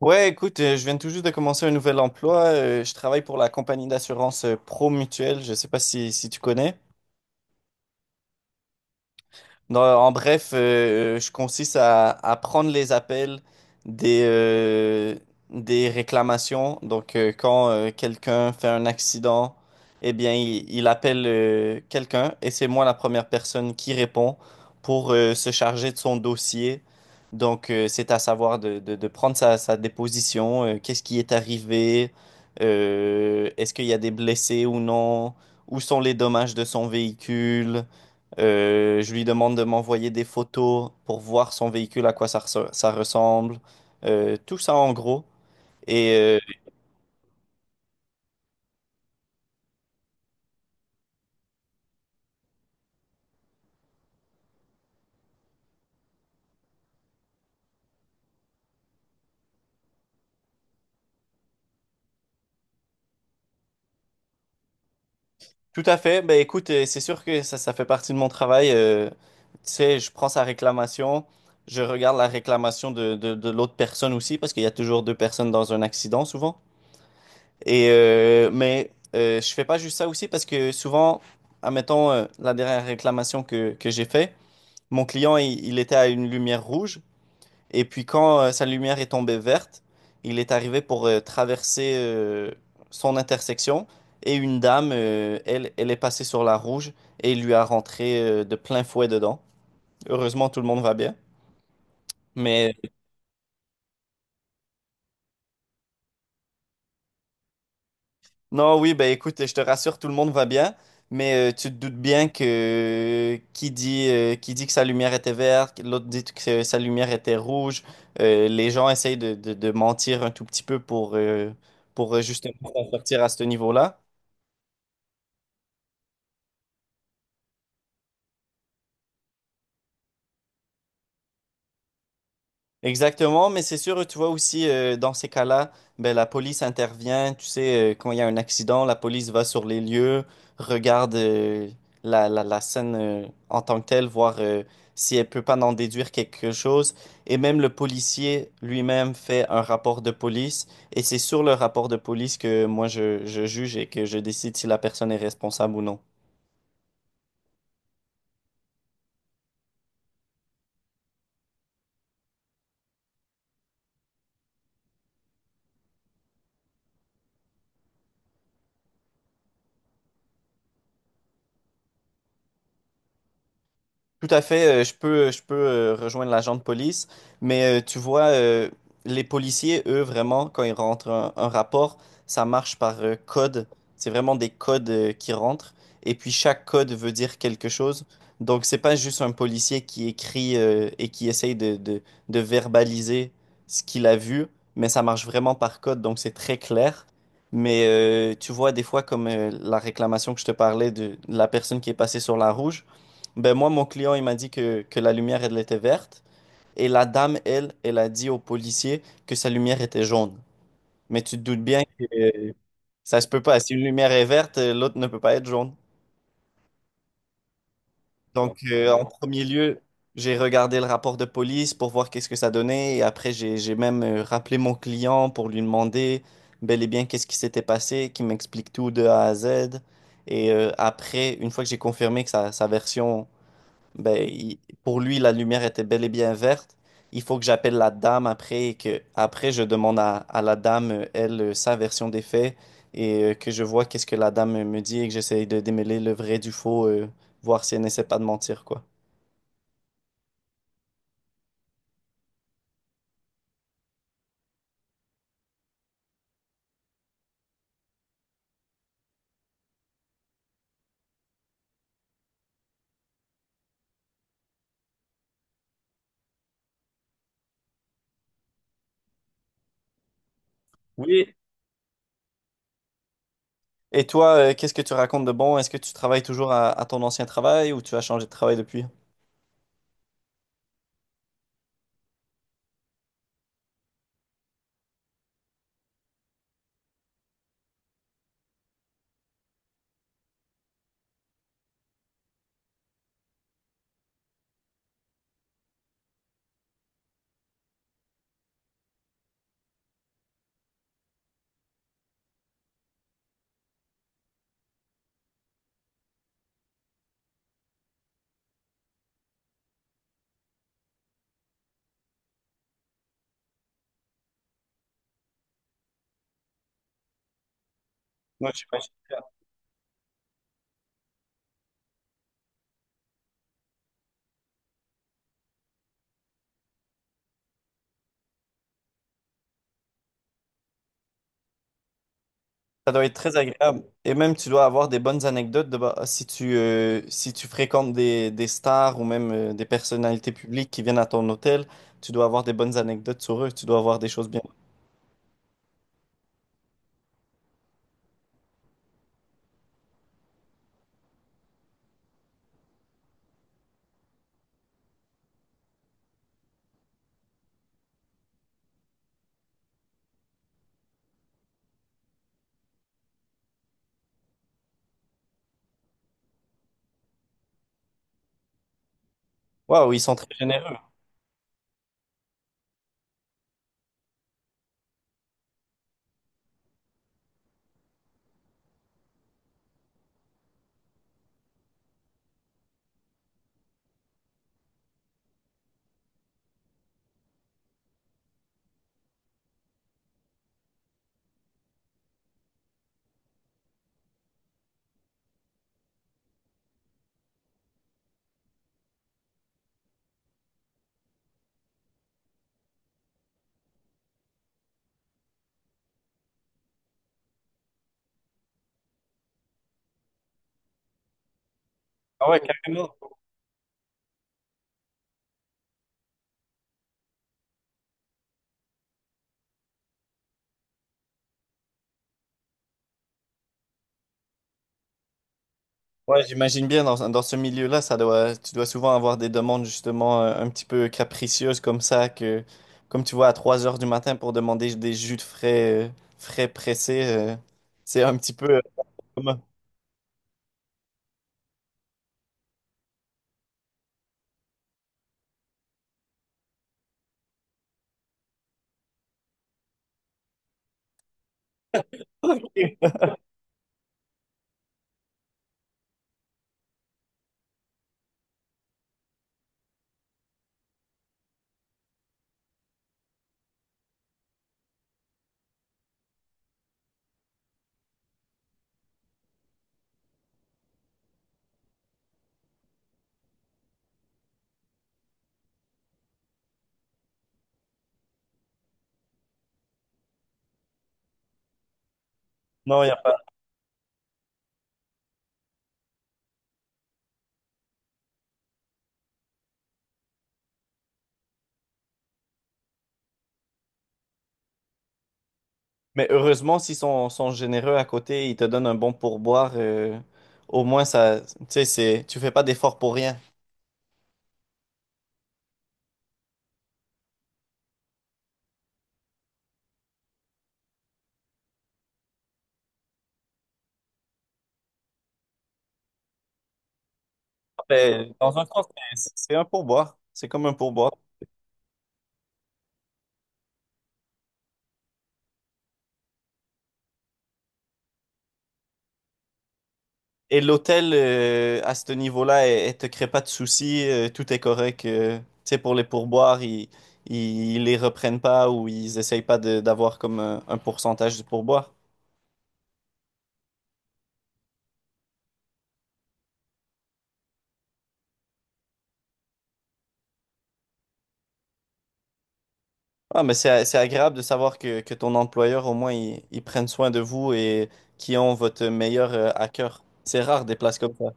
Ouais, écoute, je viens tout juste de commencer un nouvel emploi. Je travaille pour la compagnie d'assurance Promutuelle. Je sais pas si tu connais. Non, en bref, je consiste à prendre les appels des, euh, des réclamations. Donc, quand quelqu'un fait un accident, eh bien, il appelle quelqu'un et c'est moi la première personne qui répond pour se charger de son dossier. Donc, c'est à savoir de prendre sa déposition, qu'est-ce qui est arrivé, est-ce qu'il y a des blessés ou non, où sont les dommages de son véhicule. Je lui demande de m'envoyer des photos pour voir son véhicule, à quoi ça ressemble. Tout ça en gros. Et euh, Tout à fait, ben écoute, c'est sûr que ça fait partie de mon travail. Tu sais, je prends sa réclamation, je regarde la réclamation de l'autre personne aussi, parce qu'il y a toujours deux personnes dans un accident souvent. Et euh, mais je fais pas juste ça aussi parce que souvent, admettons, la dernière réclamation que j'ai fait, mon client, il était à une lumière rouge. Et puis quand sa lumière est tombée verte, il est arrivé pour traverser son intersection et une dame, elle est passée sur la rouge et il lui a rentré de plein fouet dedans. Heureusement, tout le monde va bien. Mais non, oui, ben écoute, je te rassure, tout le monde va bien. Mais tu te doutes bien que qui dit que sa lumière était verte, l'autre dit que sa lumière était rouge. Les gens essayent de mentir un tout petit peu pour, justement s'en sortir à ce niveau-là. Exactement, mais c'est sûr, tu vois aussi, dans ces cas-là, ben, la police intervient, tu sais, quand il y a un accident, la police va sur les lieux, regarde la scène en tant que telle, voir si elle peut pas en déduire quelque chose, et même le policier lui-même fait un rapport de police, et c'est sur le rapport de police que moi je juge et que je décide si la personne est responsable ou non. Tout à fait, je peux rejoindre l'agent de police, mais tu vois, les policiers, eux, vraiment, quand ils rentrent un rapport, ça marche par code. C'est vraiment des codes qui rentrent, et puis chaque code veut dire quelque chose. Donc, c'est pas juste un policier qui écrit et qui essaye de verbaliser ce qu'il a vu, mais ça marche vraiment par code, donc c'est très clair. Mais tu vois, des fois, comme la réclamation que je te parlais de la personne qui est passée sur la rouge, ben moi, mon client, il m'a dit que la lumière, elle était verte. Et la dame, elle a dit au policier que sa lumière était jaune. Mais tu te doutes bien que ça se peut pas. Si une lumière est verte, l'autre ne peut pas être jaune. Bon, donc, en premier lieu, j'ai regardé le rapport de police pour voir qu'est-ce que ça donnait. Et après, j'ai même rappelé mon client pour lui demander bel et bien qu'est-ce qui s'était passé, qu'il m'explique tout de A à Z. Et après, une fois que j'ai confirmé que sa version, ben, pour lui, la lumière était bel et bien verte. Il faut que j'appelle la dame après et que après je demande à la dame, sa version des faits et que je vois qu'est-ce que la dame me dit et que j'essaye de démêler le vrai du faux, voir si elle n'essaie pas de mentir, quoi. Oui. Et toi, qu'est-ce que tu racontes de bon? Est-ce que tu travailles toujours à ton ancien travail ou tu as changé de travail depuis? Ouais, ça doit être très agréable. Et même, tu dois avoir des bonnes anecdotes de, bah, si tu, si tu fréquentes des stars ou même des personnalités publiques qui viennent à ton hôtel, tu dois avoir des bonnes anecdotes sur eux. Tu dois avoir des choses bien. Waouh, ils sont très généreux. Ah ouais, carrément. Ouais, j'imagine bien dans, dans ce milieu-là, ça doit, tu dois souvent avoir des demandes justement un petit peu capricieuses comme ça, que comme tu vois à 3 heures du matin pour demander des jus de frais, frais pressés, c'est un petit peu. Comme- Non, il n'y a mais heureusement, s'ils sont généreux à côté, ils te donnent un bon pourboire. Au moins, ça, tu sais, c'est, tu fais pas d'effort pour rien. Ah, ben, dans un sens, c'est un pourboire. C'est comme un pourboire. Et l'hôtel à ce niveau-là, elle, elle te crée pas de soucis, tout est correct. Tu sais, pour les pourboires, ils les reprennent pas ou ils essayent pas d'avoir comme un pourcentage du pourboire. Ah, mais c'est agréable de savoir que ton employeur, au moins, ils prennent soin de vous et qui ont votre meilleur à cœur. C'est rare des places comme ça.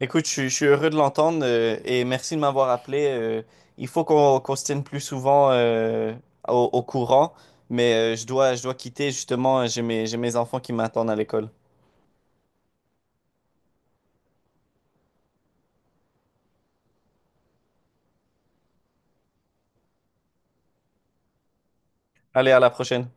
Écoute, je suis heureux de l'entendre et merci de m'avoir appelé. Il faut qu'on se tienne plus souvent au courant, mais je dois quitter justement. J'ai mes enfants qui m'attendent à l'école. Allez, à la prochaine.